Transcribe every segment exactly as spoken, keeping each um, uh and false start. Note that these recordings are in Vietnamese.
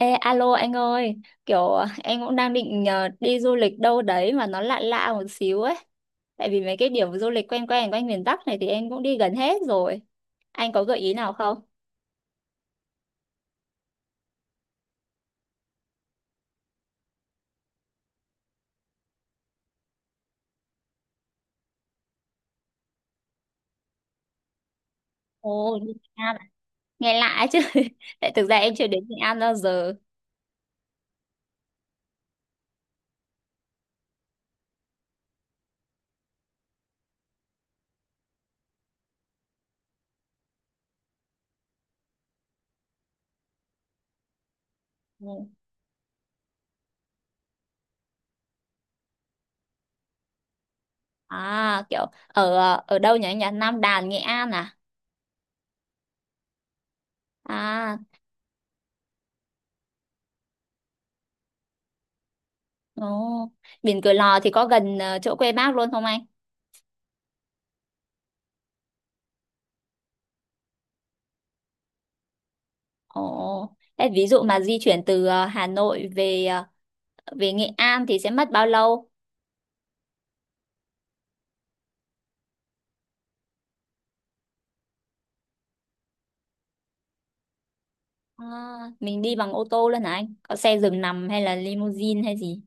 Ê, alo anh ơi, kiểu em cũng đang định ờ, đi du lịch đâu đấy mà nó lạ lạ một xíu ấy. Tại vì mấy cái điểm du lịch quen quen quanh miền Bắc này thì em cũng đi gần hết rồi. Anh có gợi ý nào không? Ồ, đi Nghệ An à? Nghe lạ ấy chứ. Tại thực ra em chưa đến Nghệ An bao giờ. Ừ. À, kiểu ở ờ, ở đâu nhỉ? Nhà Nam Đàn, Nghệ An à? À, ồ. Biển Cửa Lò thì có gần ờ, chỗ quê bác luôn không anh? Ồ, thế ví dụ mà di chuyển từ ờ, Hà Nội về ờ, về Nghệ An thì sẽ mất bao lâu? À, mình đi bằng ô tô luôn hả anh? Có xe giường nằm hay là limousine hay gì?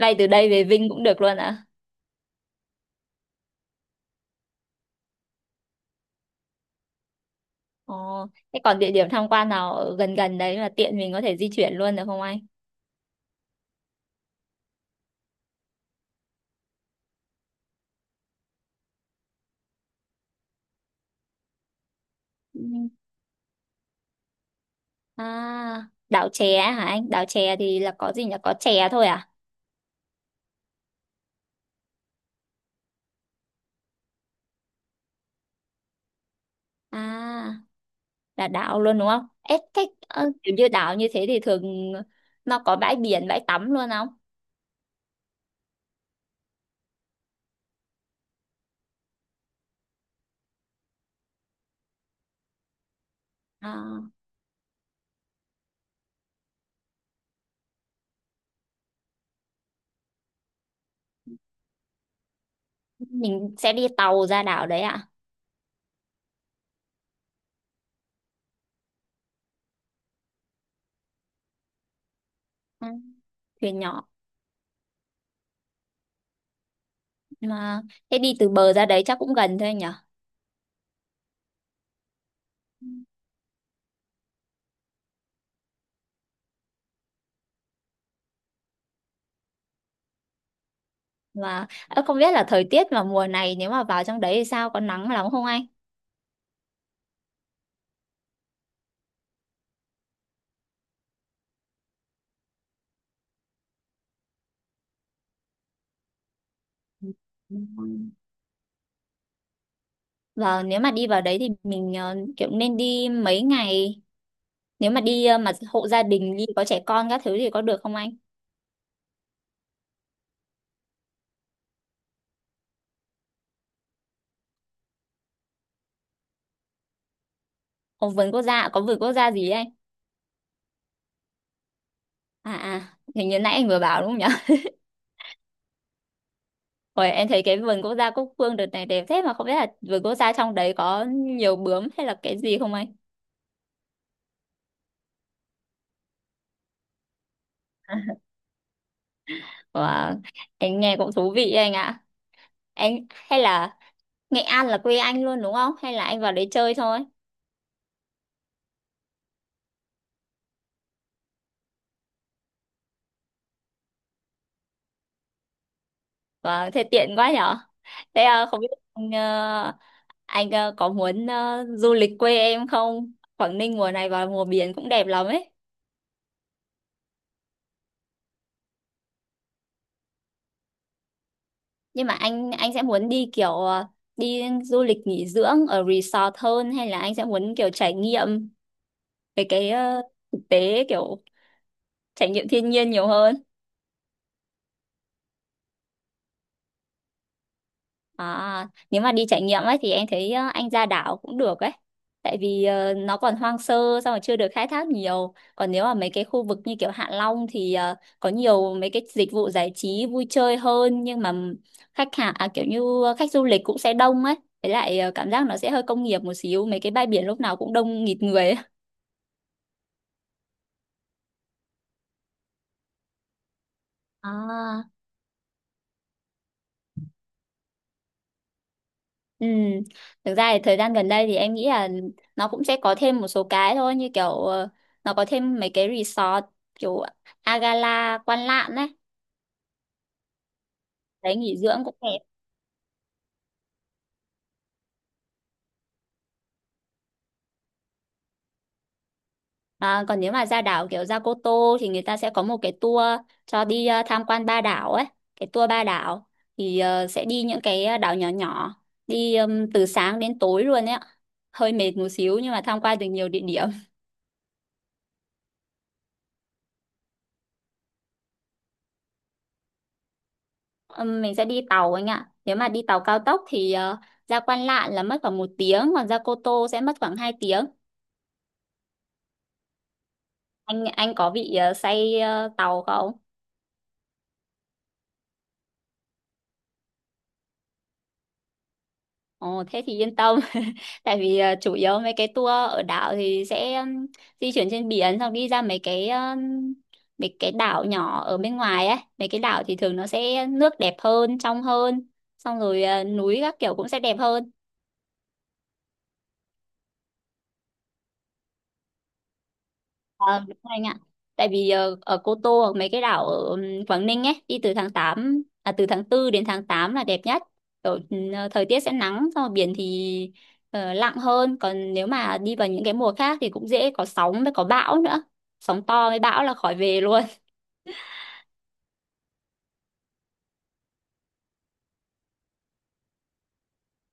Bay từ đây về Vinh cũng được luôn ạ. Ồ, thế còn địa điểm tham quan nào ở gần gần đấy mà tiện mình có thể di chuyển luôn được không anh? Ừ. À, đảo chè hả anh? Đảo chè thì là có gì nhỉ? Có chè thôi à? À, là đảo luôn đúng không? Ê, thế ờ, kiểu như đảo như thế thì thường nó có bãi biển, bãi tắm luôn không? À. Mình sẽ đi tàu ra đảo đấy ạ. Ừ, thuyền nhỏ mà thế đi từ bờ ra đấy chắc cũng gần thôi nhở. Và ơ, không biết là thời tiết vào mùa này nếu mà vào trong đấy thì sao, có nắng lắm không anh? Ừ. Và nếu mà đi vào đấy thì mình ờ, kiểu nên đi mấy ngày, nếu mà đi ờ, mà hộ gia đình đi có trẻ con các thứ thì có được không anh? Có vườn quốc gia, có vườn quốc gia gì ấy anh? À à, hình như nãy anh vừa bảo đúng không nhở? Ôi, em thấy cái vườn quốc gia Cúc Phương đợt này đẹp thế, mà không biết là vườn quốc gia trong đấy có nhiều bướm hay là cái gì không anh? Wow. Anh nghe cũng thú vị đấy anh ạ. Anh hay là Nghệ An là quê anh luôn đúng không? Hay là anh vào đấy chơi thôi? Wow, thế tiện quá nhở. Thế à, không biết anh, ờ, anh ờ, có muốn ờ, du lịch quê em không? Quảng Ninh mùa này vào mùa biển cũng đẹp lắm ấy. Nhưng mà anh anh sẽ muốn đi kiểu ờ, đi du lịch nghỉ dưỡng ở resort hơn, hay là anh sẽ muốn kiểu trải nghiệm về cái ờ, thực tế, kiểu trải nghiệm thiên nhiên nhiều hơn? À, nếu mà đi trải nghiệm ấy thì em thấy ờ, anh ra đảo cũng được ấy. Tại vì ờ, nó còn hoang sơ, xong rồi chưa được khai thác nhiều. Còn nếu mà mấy cái khu vực như kiểu Hạ Long thì ờ, có nhiều mấy cái dịch vụ giải trí vui chơi hơn, nhưng mà khách hàng à, kiểu như ờ, khách du lịch cũng sẽ đông ấy. Với lại ờ, cảm giác nó sẽ hơi công nghiệp một xíu, mấy cái bãi biển lúc nào cũng đông nghịt người ấy. À. Ừ, thực ra thì thời gian gần đây thì em nghĩ là nó cũng sẽ có thêm một số cái thôi, như kiểu ờ, nó có thêm mấy cái resort kiểu Agala Quan Lạn đấy, đấy nghỉ dưỡng cũng đẹp. À, còn nếu mà ra đảo kiểu ra Cô Tô thì người ta sẽ có một cái tour cho đi ờ, tham quan ba đảo ấy, cái tour ba đảo thì ờ, sẽ đi những cái ờ, đảo nhỏ nhỏ, đi ừm, từ sáng đến tối luôn ấy ạ, hơi mệt một xíu nhưng mà tham quan được nhiều địa điểm. Ừm, mình sẽ đi tàu anh ạ. Nếu mà đi tàu cao tốc thì ờ, ra Quan Lạn là mất khoảng một tiếng, còn ra Cô Tô sẽ mất khoảng hai tiếng. Anh anh có bị ờ, say ờ, tàu không? Ồ, thế thì yên tâm. Tại vì ờ, chủ yếu mấy cái tour ở đảo thì sẽ ừm, di chuyển trên biển, xong đi ra mấy cái ừm, mấy cái đảo nhỏ ở bên ngoài ấy. Mấy cái đảo thì thường nó sẽ nước đẹp hơn, trong hơn, xong rồi ờ, núi các kiểu cũng sẽ đẹp hơn. Ờ, đúng rồi anh ạ. Tại vì ờ, ở Cô Tô hoặc mấy cái đảo ở ừm, Quảng Ninh ấy, đi từ tháng tám à, từ tháng tư đến tháng tám là đẹp nhất. Kiểu, ừm, ờ, thời tiết sẽ nắng, xong rồi biển thì ờ, lặng hơn, còn nếu mà đi vào những cái mùa khác thì cũng dễ có sóng với có bão nữa. Sóng to với bão là khỏi về luôn.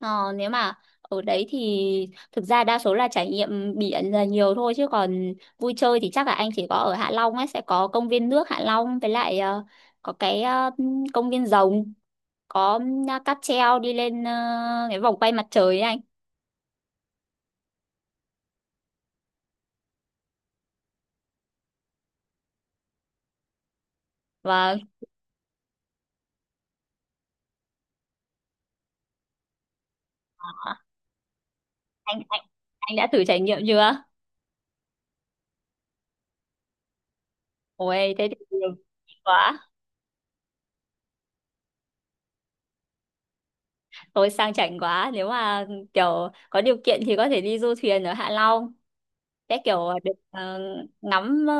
Ờ, nếu mà ở đấy thì thực ra đa số là trải nghiệm biển là nhiều thôi, chứ còn vui chơi thì chắc là anh chỉ có ở Hạ Long ấy, sẽ có công viên nước Hạ Long, với lại ờ, có cái ờ, công viên rồng, có à, cáp treo đi lên à, cái vòng quay mặt trời ấy anh. Và anh anh anh đã thử trải nghiệm chưa? Ôi thế thì quá, tôi sang chảnh quá, nếu mà kiểu có điều kiện thì có thể đi du thuyền ở Hạ Long, sẽ kiểu được ờ, ngắm ờ,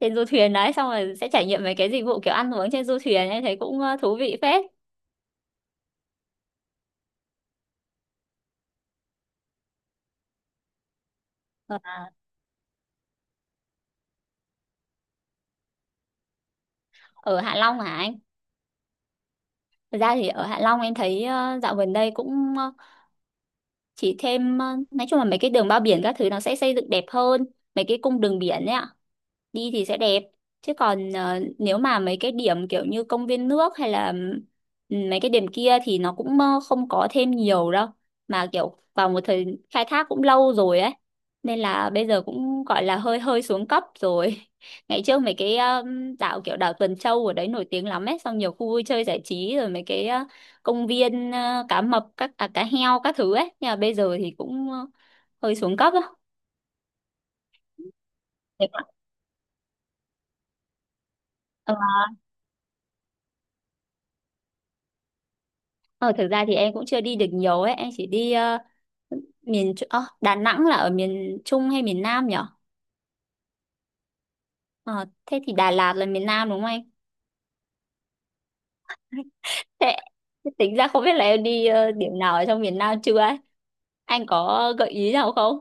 trên du thuyền đấy, xong rồi sẽ trải nghiệm mấy cái dịch vụ kiểu ăn uống trên du thuyền, em thấy cũng ờ, thú vị phết. Ờ, ở Hạ Long hả anh? Thật ra thì ở Hạ Long em thấy ờ, dạo gần đây cũng chỉ thêm ờ, nói chung là mấy cái đường bao biển các thứ nó sẽ xây dựng đẹp hơn, mấy cái cung đường biển ấy ạ, đi thì sẽ đẹp. Chứ còn ờ, nếu mà mấy cái điểm kiểu như công viên nước, hay là ừ, mấy cái điểm kia thì nó cũng ờ, không có thêm nhiều đâu, mà kiểu vào một thời khai thác cũng lâu rồi ấy, nên là bây giờ cũng gọi là hơi hơi xuống cấp rồi. Ngày trước mấy cái ờ, đảo kiểu đảo Tuần Châu ở đấy nổi tiếng lắm ấy, xong nhiều khu vui chơi giải trí, rồi mấy cái ờ, công viên ờ, cá mập các à, cá heo các thứ ấy, nhưng mà bây giờ thì cũng ờ, hơi xuống cấp á. Đẹp quá. Ờ, thực ra thì em cũng chưa đi được nhiều ấy, em chỉ đi ờ, miền Tr- ờ, Đà Nẵng là ở miền Trung hay miền Nam nhở? Ờ, thế thì Đà Lạt là miền Nam đúng không anh? Thế, thế tính ra không biết là em đi ờ, điểm nào ở trong miền Nam chưa ấy? Anh có gợi ý nào không?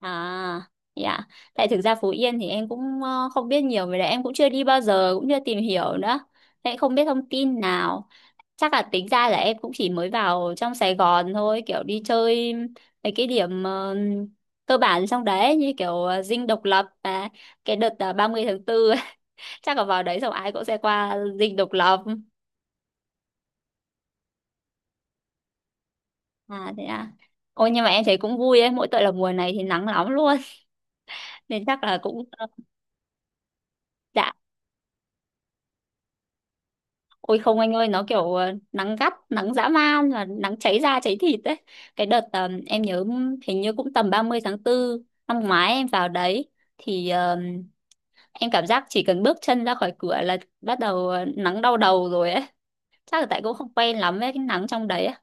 À, dạ. Tại thực ra Phú Yên thì em cũng ờ, không biết nhiều về đấy, em cũng chưa đi bao giờ, cũng chưa tìm hiểu nữa. Thế không biết thông tin nào. Chắc là tính ra là em cũng chỉ mới vào trong Sài Gòn thôi, kiểu đi chơi mấy cái điểm ờ, cơ bản trong đấy, như kiểu ờ, Dinh Độc Lập, và cái đợt ờ, ba mươi tháng tư chắc là vào đấy xong ai cũng sẽ qua Dinh Độc Lập. À thế à. Ôi nhưng mà em thấy cũng vui ấy, mỗi tội là mùa này thì nắng lắm luôn nên chắc là cũng ờ, dạ. Ôi không anh ơi, nó kiểu ờ, nắng gắt, nắng dã man và nắng cháy da cháy thịt đấy. Cái đợt ờ, em nhớ hình như cũng tầm ba mươi tháng tư năm ngoái em vào đấy, thì ờ, em cảm giác chỉ cần bước chân ra khỏi cửa là bắt đầu ờ, nắng đau đầu rồi ấy. Chắc là tại cũng không quen lắm với cái nắng trong đấy á.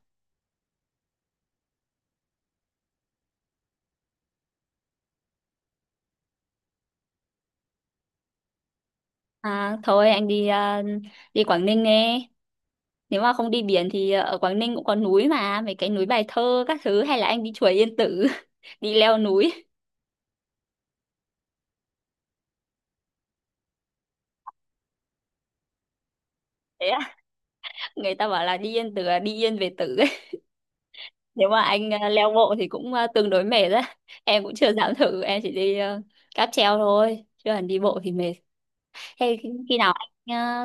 À, thôi anh đi ờ, đi Quảng Ninh nghe. Nếu mà không đi biển thì ờ, ở Quảng Ninh cũng có núi mà, mấy cái núi Bài Thơ các thứ, hay là anh đi chùa Yên Tử, đi leo núi. Thế á, người ta bảo là đi Yên Tử là đi yên về Tử. Nếu mà anh ờ, leo bộ thì cũng ờ, tương đối mệt đấy em cũng chưa dám thử, em chỉ đi ờ, cáp treo thôi chứ còn đi bộ thì mệt. Thế khi khi nào anh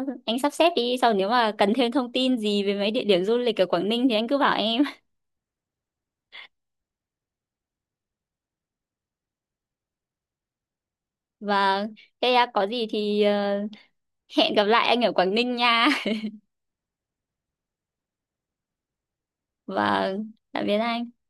ờ, anh sắp xếp đi sau, nếu mà cần thêm thông tin gì về mấy địa điểm du lịch ở Quảng Ninh thì anh cứ bảo em. Và thế ờ, có gì thì ờ, hẹn gặp lại anh ở Quảng Ninh nha. Và tạm biệt anh.